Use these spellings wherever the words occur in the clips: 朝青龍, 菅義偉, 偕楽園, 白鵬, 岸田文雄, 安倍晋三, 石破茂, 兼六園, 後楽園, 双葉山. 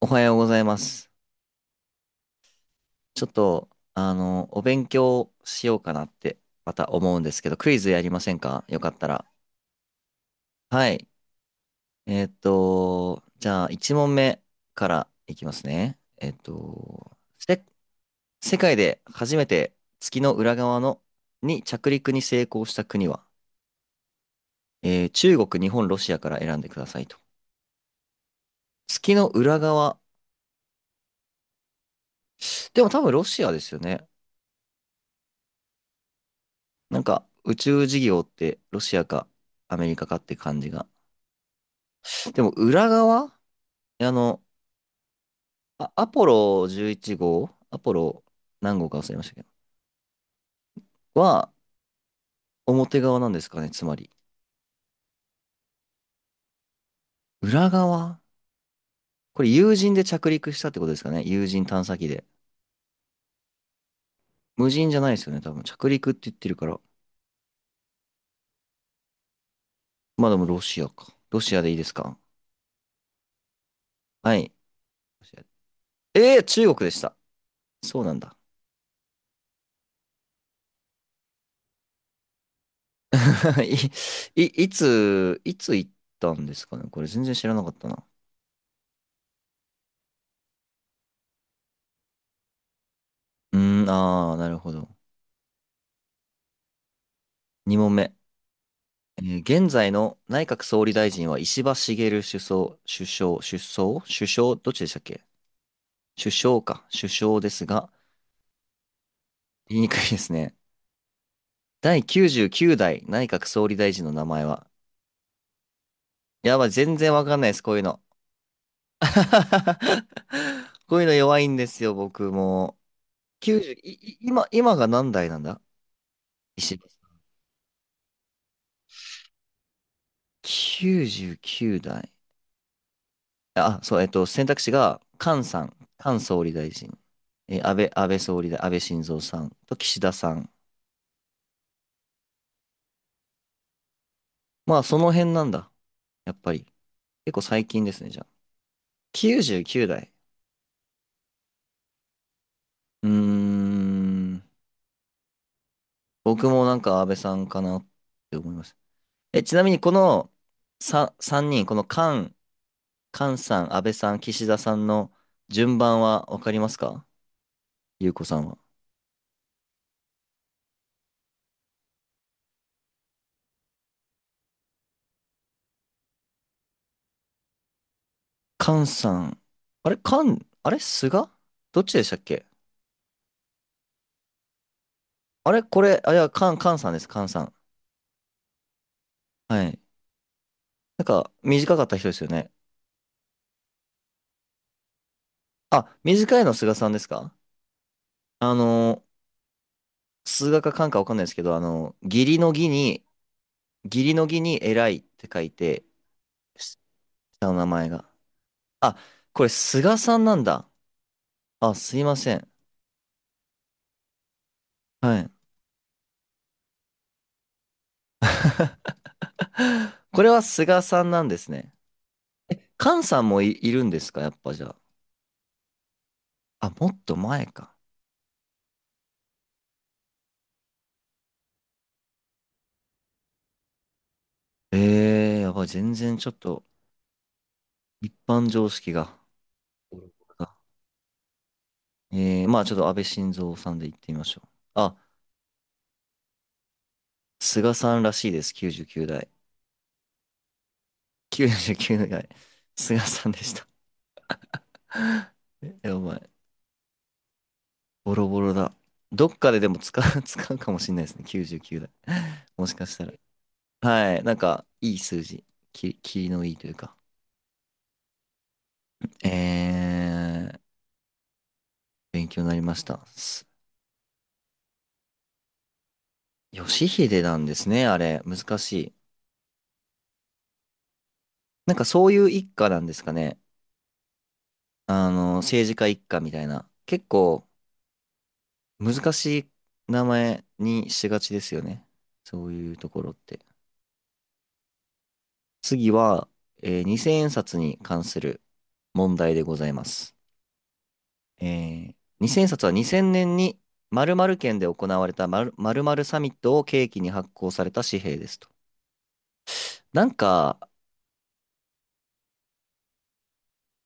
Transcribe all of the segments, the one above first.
おはようございます。ちょっと、お勉強しようかなって、また思うんですけど、クイズやりませんか、よかったら？はい。じゃあ、1問目からいきますね。世界で初めて月の裏側の、に着陸に成功した国は、中国、日本、ロシアから選んでくださいと。月の裏側。でも多分ロシアですよね。なんか、宇宙事業ってロシアかアメリカかって感じが。でも裏側、あの、アポロ11号、アポロ何号か忘れましたけど、は表側なんですかね、つまり。裏側、これ有人で着陸したってことですかね、有人探査機で。無人じゃないですよね、多分。着陸って言ってるから。まあでもロシアか。ロシアでいいですか？はい。ロシア、中国でした。そうなんだ。い、いつ行ったんですかね、これ全然知らなかったな。うーん、あー、なるほど。2問目。現在の内閣総理大臣は石破茂首相、首相、首相、首相、どっちでしたっけ？首相か、首相ですが、言いにくいですね。第99代内閣総理大臣の名前は？やばい、全然わかんないです、こういうの。こういうの弱いんですよ、僕も。90、い、い今、今が何代なんだ、石破さん？99代。あ、そう、選択肢が、菅さん、菅総理大臣、えー安倍、安倍総理大、安倍晋三さんと岸田さん。まあ、その辺なんだ。やっぱり。結構最近ですね、じゃあ。99代。うーん。僕もなんか安倍さんかなって思います。え、ちなみにこの3、三人、この菅、菅さん、安倍さん、岸田さんの順番はわかりますか、ゆうこさんは？菅さん。あれ菅どっちでしたっけ？あれこれ、あ、いや、カンさんです、カンさん。はい。なんか、短かった人ですよね。あ、短いの菅さんですか？あの数学かカンかわかんないですけど、義理の義に、偉いって書いて、下の名前が。あ、これ菅さんなんだ。あ、すいません。はい。これは菅さんなんですね。え、カンさんもいるんですか、やっぱじゃあ？あ、もっと前か。やばい、全然ちょっと、一般常識が。まあちょっと安倍晋三さんで行ってみましょう。あ、菅さんらしいです、99代。99代。菅さんでした。え、やばい。ボロボロだ。どっかででも使う、使うかもしれないですね、99代。もしかしたら。はい、なんか、いい数字。きりのいいというか。えー、勉強になりました。義秀なんですね、あれ。難しい。なんかそういう一家なんですかね。政治家一家みたいな。結構、難しい名前にしがちですよね。そういうところって。次は、2000円札に関する問題でございます。えー2000円札は2000年に〇〇県で行われた〇〇〇サミットを契機に発行された紙幣ですと。なんか、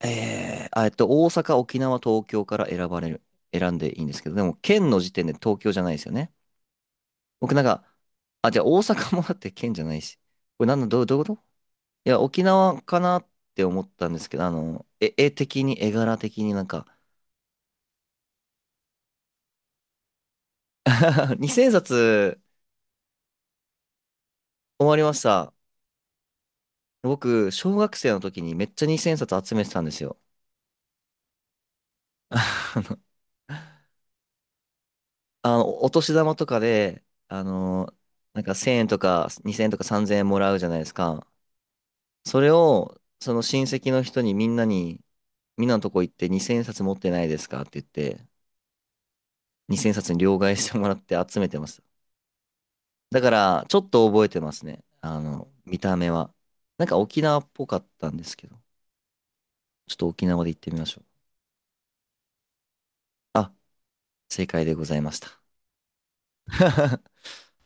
大阪、沖縄、東京から選ばれる、選んでいいんですけど、でも県の時点で東京じゃないですよね。僕なんか、あ、じゃあ大阪もだって県じゃないし。これなんだ、どういうこと？いや、沖縄かなって思ったんですけど、絵柄的になんか。 2000冊終わりました。僕、小学生の時にめっちゃ2000冊集めてたんですよ。あの、お年玉とかで、なんか1000円とか2000円とか3000円もらうじゃないですか。それを、その親戚の人にみんなに、みんなのとこ行って2000冊持ってないですかって言って、2000冊に両替してもらって集めてました。だから、ちょっと覚えてますね。見た目は。なんか沖縄っぽかったんですけど、ちょっと沖縄で行ってみましょう。あ、正解でございました。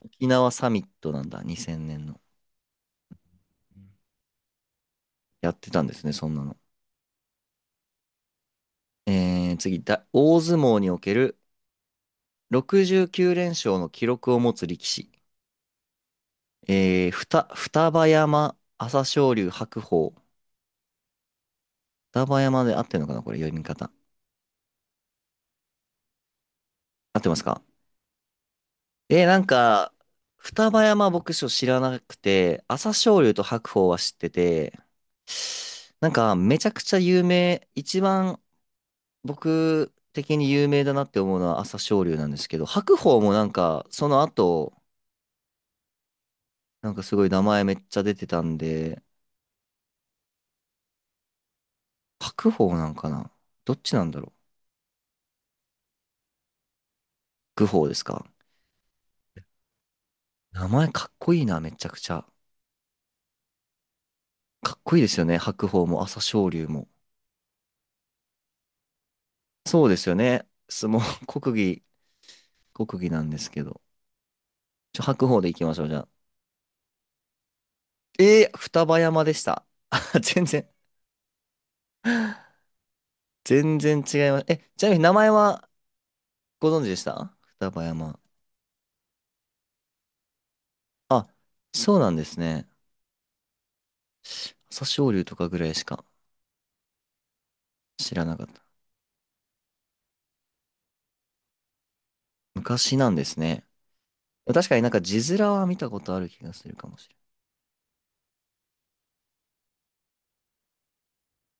沖縄サミットなんだ、2000年の。やってたんですね、そんなの。次、大相撲における69連勝の記録を持つ力士。双葉山、朝青龍、白鵬。双葉山で合ってるのかな、これ読み方。合ってますか？え、なんか、双葉山牧場知らなくて、朝青龍と白鵬は知ってて、なんか、めちゃくちゃ有名、一番僕的に有名だなって思うのは朝青龍なんですけど、白鵬もなんか、その後、なんかすごい名前めっちゃ出てたんで、白鵬なんかな、どっちなんだろう、愚鵬ですか？名前かっこいいな、めちゃくちゃ。かっこいいですよね、白鵬も朝青龍も。そうですよね。相撲、国技なんですけど。白鵬で行きましょう、じゃあ。双葉山でした。全然、全然違います。え、ちなみに名前はご存知でした、双葉山？あ、そうなんですね。朝青龍とかぐらいしか知らなかった。昔なんですね。確かになんか字面は見たことある気がするかもしれ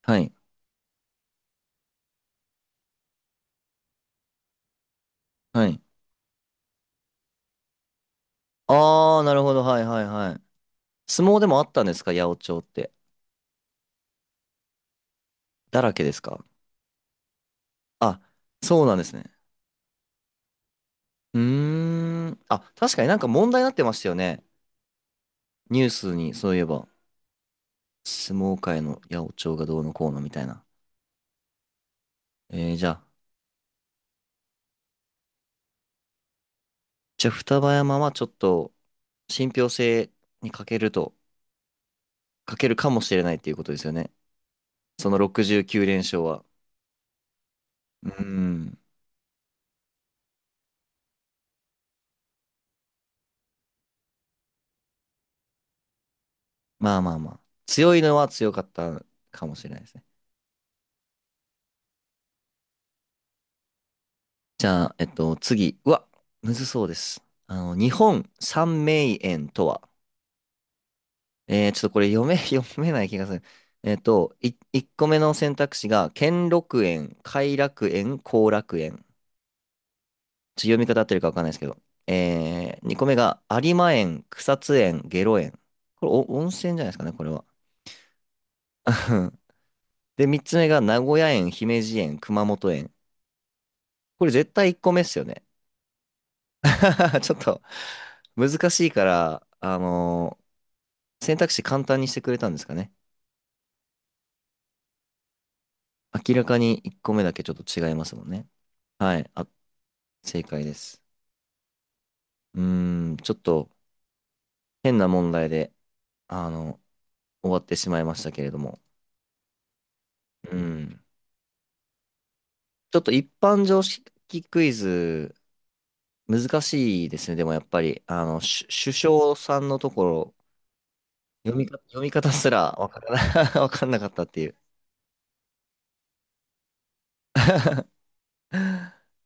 ない。はい、はい。あー、なるほど、はい、はい、はい。相撲でもあったんですか、八百長って？だらけですか？あ、そうなんですね。うーん。あ、確かになんか問題になってましたよね。ニュースに、そういえば。相撲界の八百長がどうのこうのみたいな。えー、じゃあ、じゃあ双葉山はちょっと信憑性に欠けると、欠けるかもしれないっていうことですよね。その69連勝は。うーん。まあまあまあ。強いのは強かったかもしれないですね。じゃあ、次。うわ、むずそうです。日本三名園とは。ちょっとこれ読め、読めない気がする。1個目の選択肢が、兼六園、偕楽園、後楽園。ちょっと読み方合ってるかわかんないですけど。2個目が、有馬園、草津園、下呂園。これ温泉じゃないですかね、これは。で、3つ目が、名古屋園、姫路園、熊本園。これ絶対1個目っすよね。ちょっと、難しいから、選択肢簡単にしてくれたんですかね。明らかに1個目だけちょっと違いますもんね。はい、あ、正解です。うーん、ちょっと変な問題で、あの、終わってしまいましたけれども。うん。ちょっと一般常識クイズ、難しいですね。でもやっぱり、首相さんのところ、読みか、読み方すらわからな、わかんなかったっていう。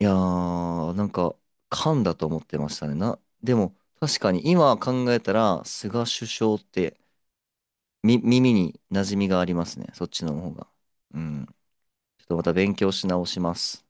いやー、なんか、噛んだと思ってましたね。でも、確かに今考えたら、菅首相って、耳に馴染みがありますね。そっちの方が。うん。ちょっとまた勉強し直します。